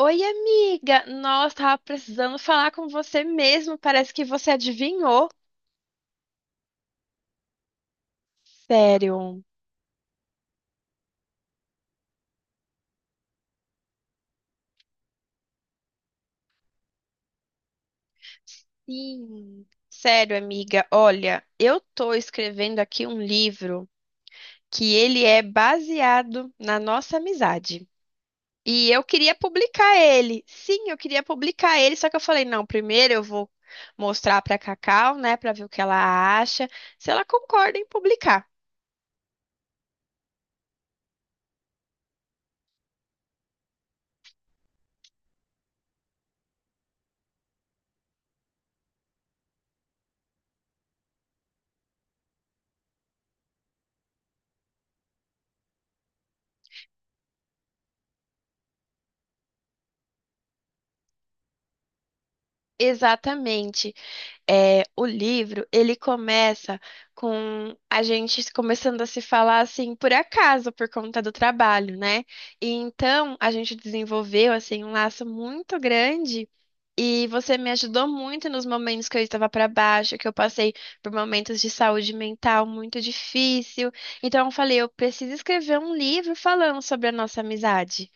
Oi, amiga! Nossa, tava precisando falar com você mesmo. Parece que você adivinhou. Sério. Sim. Sério, amiga. Olha, eu tô escrevendo aqui um livro que ele é baseado na nossa amizade. E eu queria publicar ele. Sim, eu queria publicar ele, só que eu falei, não, primeiro eu vou mostrar pra Cacau, né, pra ver o que ela acha, se ela concorda em publicar. Exatamente. É, o livro, ele começa com a gente começando a se falar assim por acaso, por conta do trabalho, né? E então a gente desenvolveu assim um laço muito grande. E você me ajudou muito nos momentos que eu estava para baixo, que eu passei por momentos de saúde mental muito difícil. Então eu falei, eu preciso escrever um livro falando sobre a nossa amizade.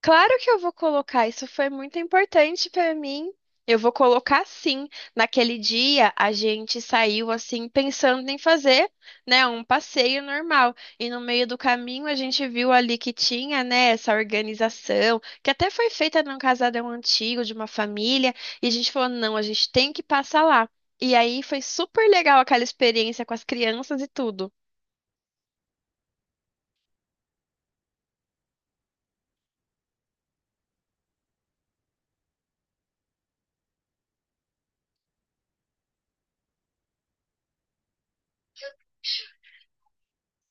Claro que eu vou colocar, isso foi muito importante para mim. Eu vou colocar sim. Naquele dia a gente saiu assim pensando em fazer, né, um passeio normal. E no meio do caminho a gente viu ali que tinha, né, essa organização, que até foi feita num casarão antigo de uma família, e a gente falou, não, a gente tem que passar lá. E aí foi super legal aquela experiência com as crianças e tudo.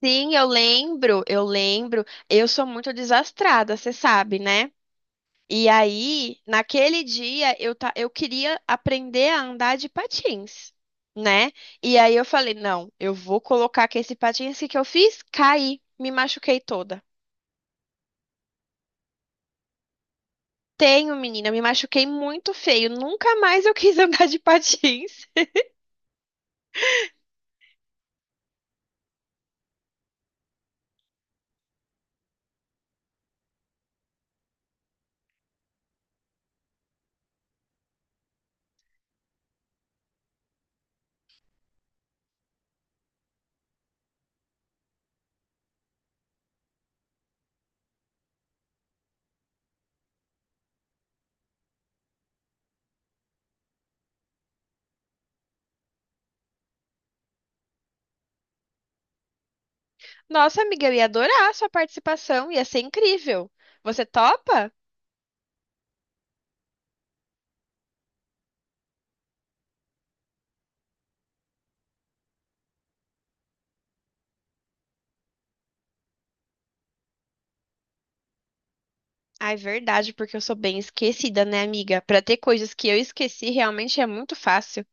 Sim, eu lembro, eu lembro. Eu sou muito desastrada, você sabe, né? E aí, naquele dia, eu queria aprender a andar de patins, né? E aí eu falei, não, eu vou colocar que esse patins. O que que eu fiz, caí, me machuquei toda. Tenho, menina, me machuquei muito feio. Nunca mais eu quis andar de patins. Nossa, amiga, eu ia adorar a sua participação, ia ser incrível. Você topa? Ah, é verdade, porque eu sou bem esquecida, né, amiga? Pra ter coisas que eu esqueci, realmente é muito fácil.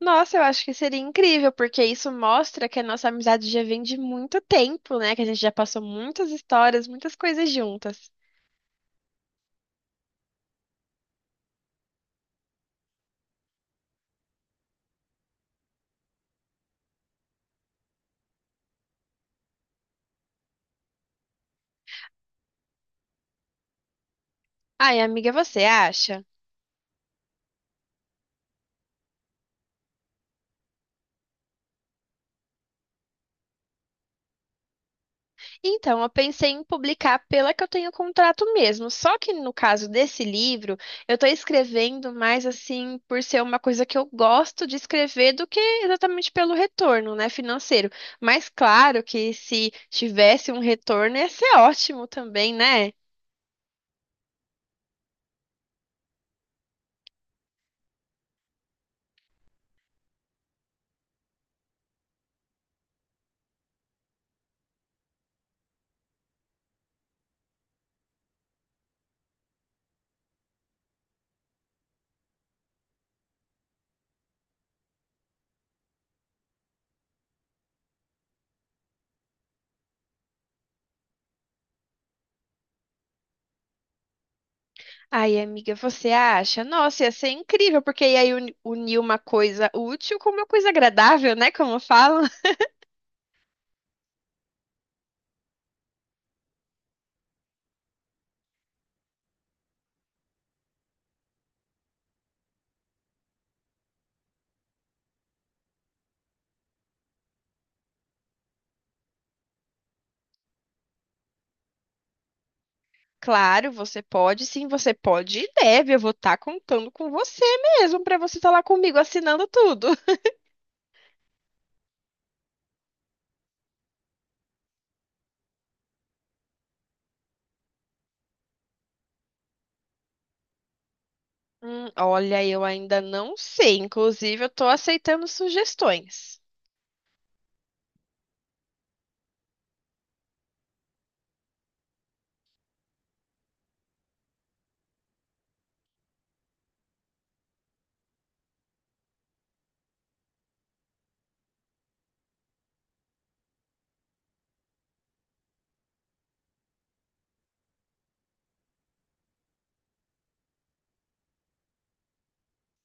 Nossa, eu acho que seria incrível, porque isso mostra que a nossa amizade já vem de muito tempo, né? Que a gente já passou muitas histórias, muitas coisas juntas. Ai, amiga, você acha? Então, eu pensei em publicar pela que eu tenho contrato mesmo. Só que no caso desse livro, eu tô escrevendo mais assim por ser uma coisa que eu gosto de escrever do que exatamente pelo retorno, né, financeiro. Mas claro que se tivesse um retorno ia ser ótimo também, né? Ai, amiga, você acha? Nossa, ia ser incrível, porque ia unir uma coisa útil com uma coisa agradável, né? Como falam. Claro, você pode, sim, você pode e deve. Eu vou estar contando com você mesmo para você estar lá comigo assinando tudo. Olha, eu ainda não sei. Inclusive, eu tô aceitando sugestões.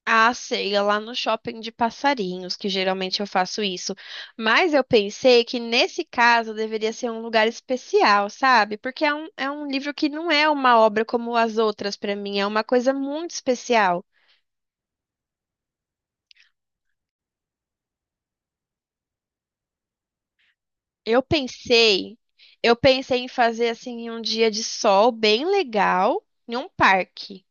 A ceia lá no shopping de passarinhos, que geralmente eu faço isso. Mas eu pensei que nesse caso deveria ser um lugar especial, sabe? Porque é um livro que não é uma obra como as outras para mim, é uma coisa muito especial. Eu pensei, eu pensei em fazer assim em um dia de sol bem legal, em um parque.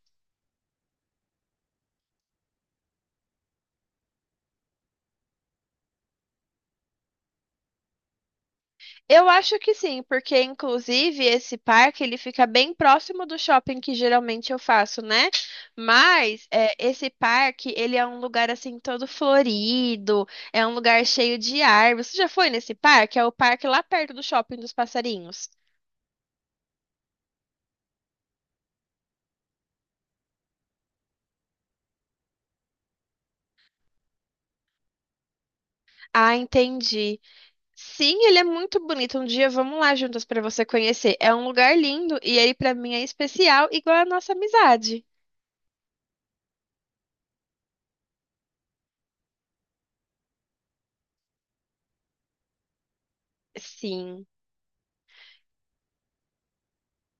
Eu acho que sim, porque inclusive esse parque ele fica bem próximo do shopping que geralmente eu faço, né? Mas é, esse parque ele é um lugar assim todo florido, é um lugar cheio de árvores. Você já foi nesse parque? É o parque lá perto do shopping dos passarinhos. Ah, entendi. Sim, ele é muito bonito. Um dia vamos lá juntas para você conhecer. É um lugar lindo e ele para mim é especial, igual a nossa amizade. Sim.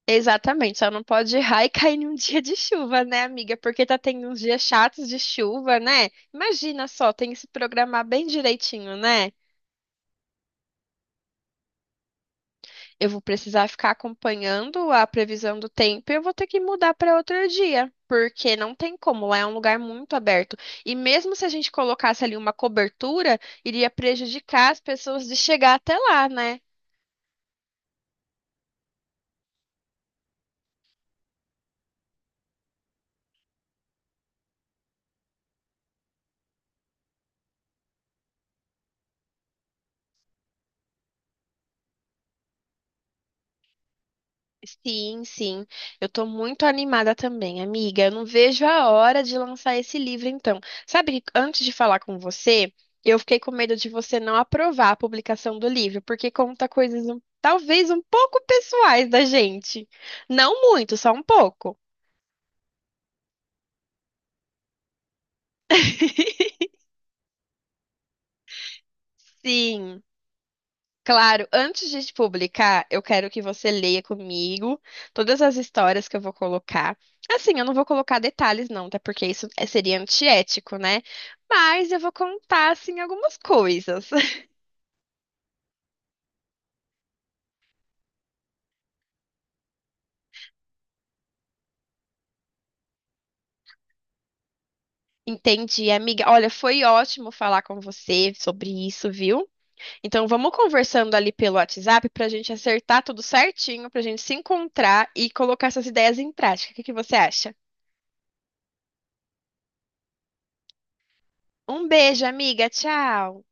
Exatamente, só não pode errar e cair em um dia de chuva, né, amiga? Porque tá tendo uns dias chatos de chuva, né? Imagina só, tem que se programar bem direitinho, né? Eu vou precisar ficar acompanhando a previsão do tempo e eu vou ter que mudar para outro dia, porque não tem como, lá é um lugar muito aberto. E mesmo se a gente colocasse ali uma cobertura, iria prejudicar as pessoas de chegar até lá, né? Sim, sim. Eu tô muito animada também, amiga. Eu não vejo a hora de lançar esse livro, então. Sabe, que antes de falar com você, eu fiquei com medo de você não aprovar a publicação do livro, porque conta coisas talvez um pouco pessoais da gente. Não muito, só um pouco. Sim. Claro, antes de te publicar, eu quero que você leia comigo todas as histórias que eu vou colocar. Assim, eu não vou colocar detalhes, não, até porque seria antiético, né? Mas eu vou contar, assim, algumas coisas. Entendi, amiga. Olha, foi ótimo falar com você sobre isso, viu? Então, vamos conversando ali pelo WhatsApp pra gente acertar tudo certinho, pra gente se encontrar e colocar essas ideias em prática. O que que você acha? Um beijo, amiga. Tchau.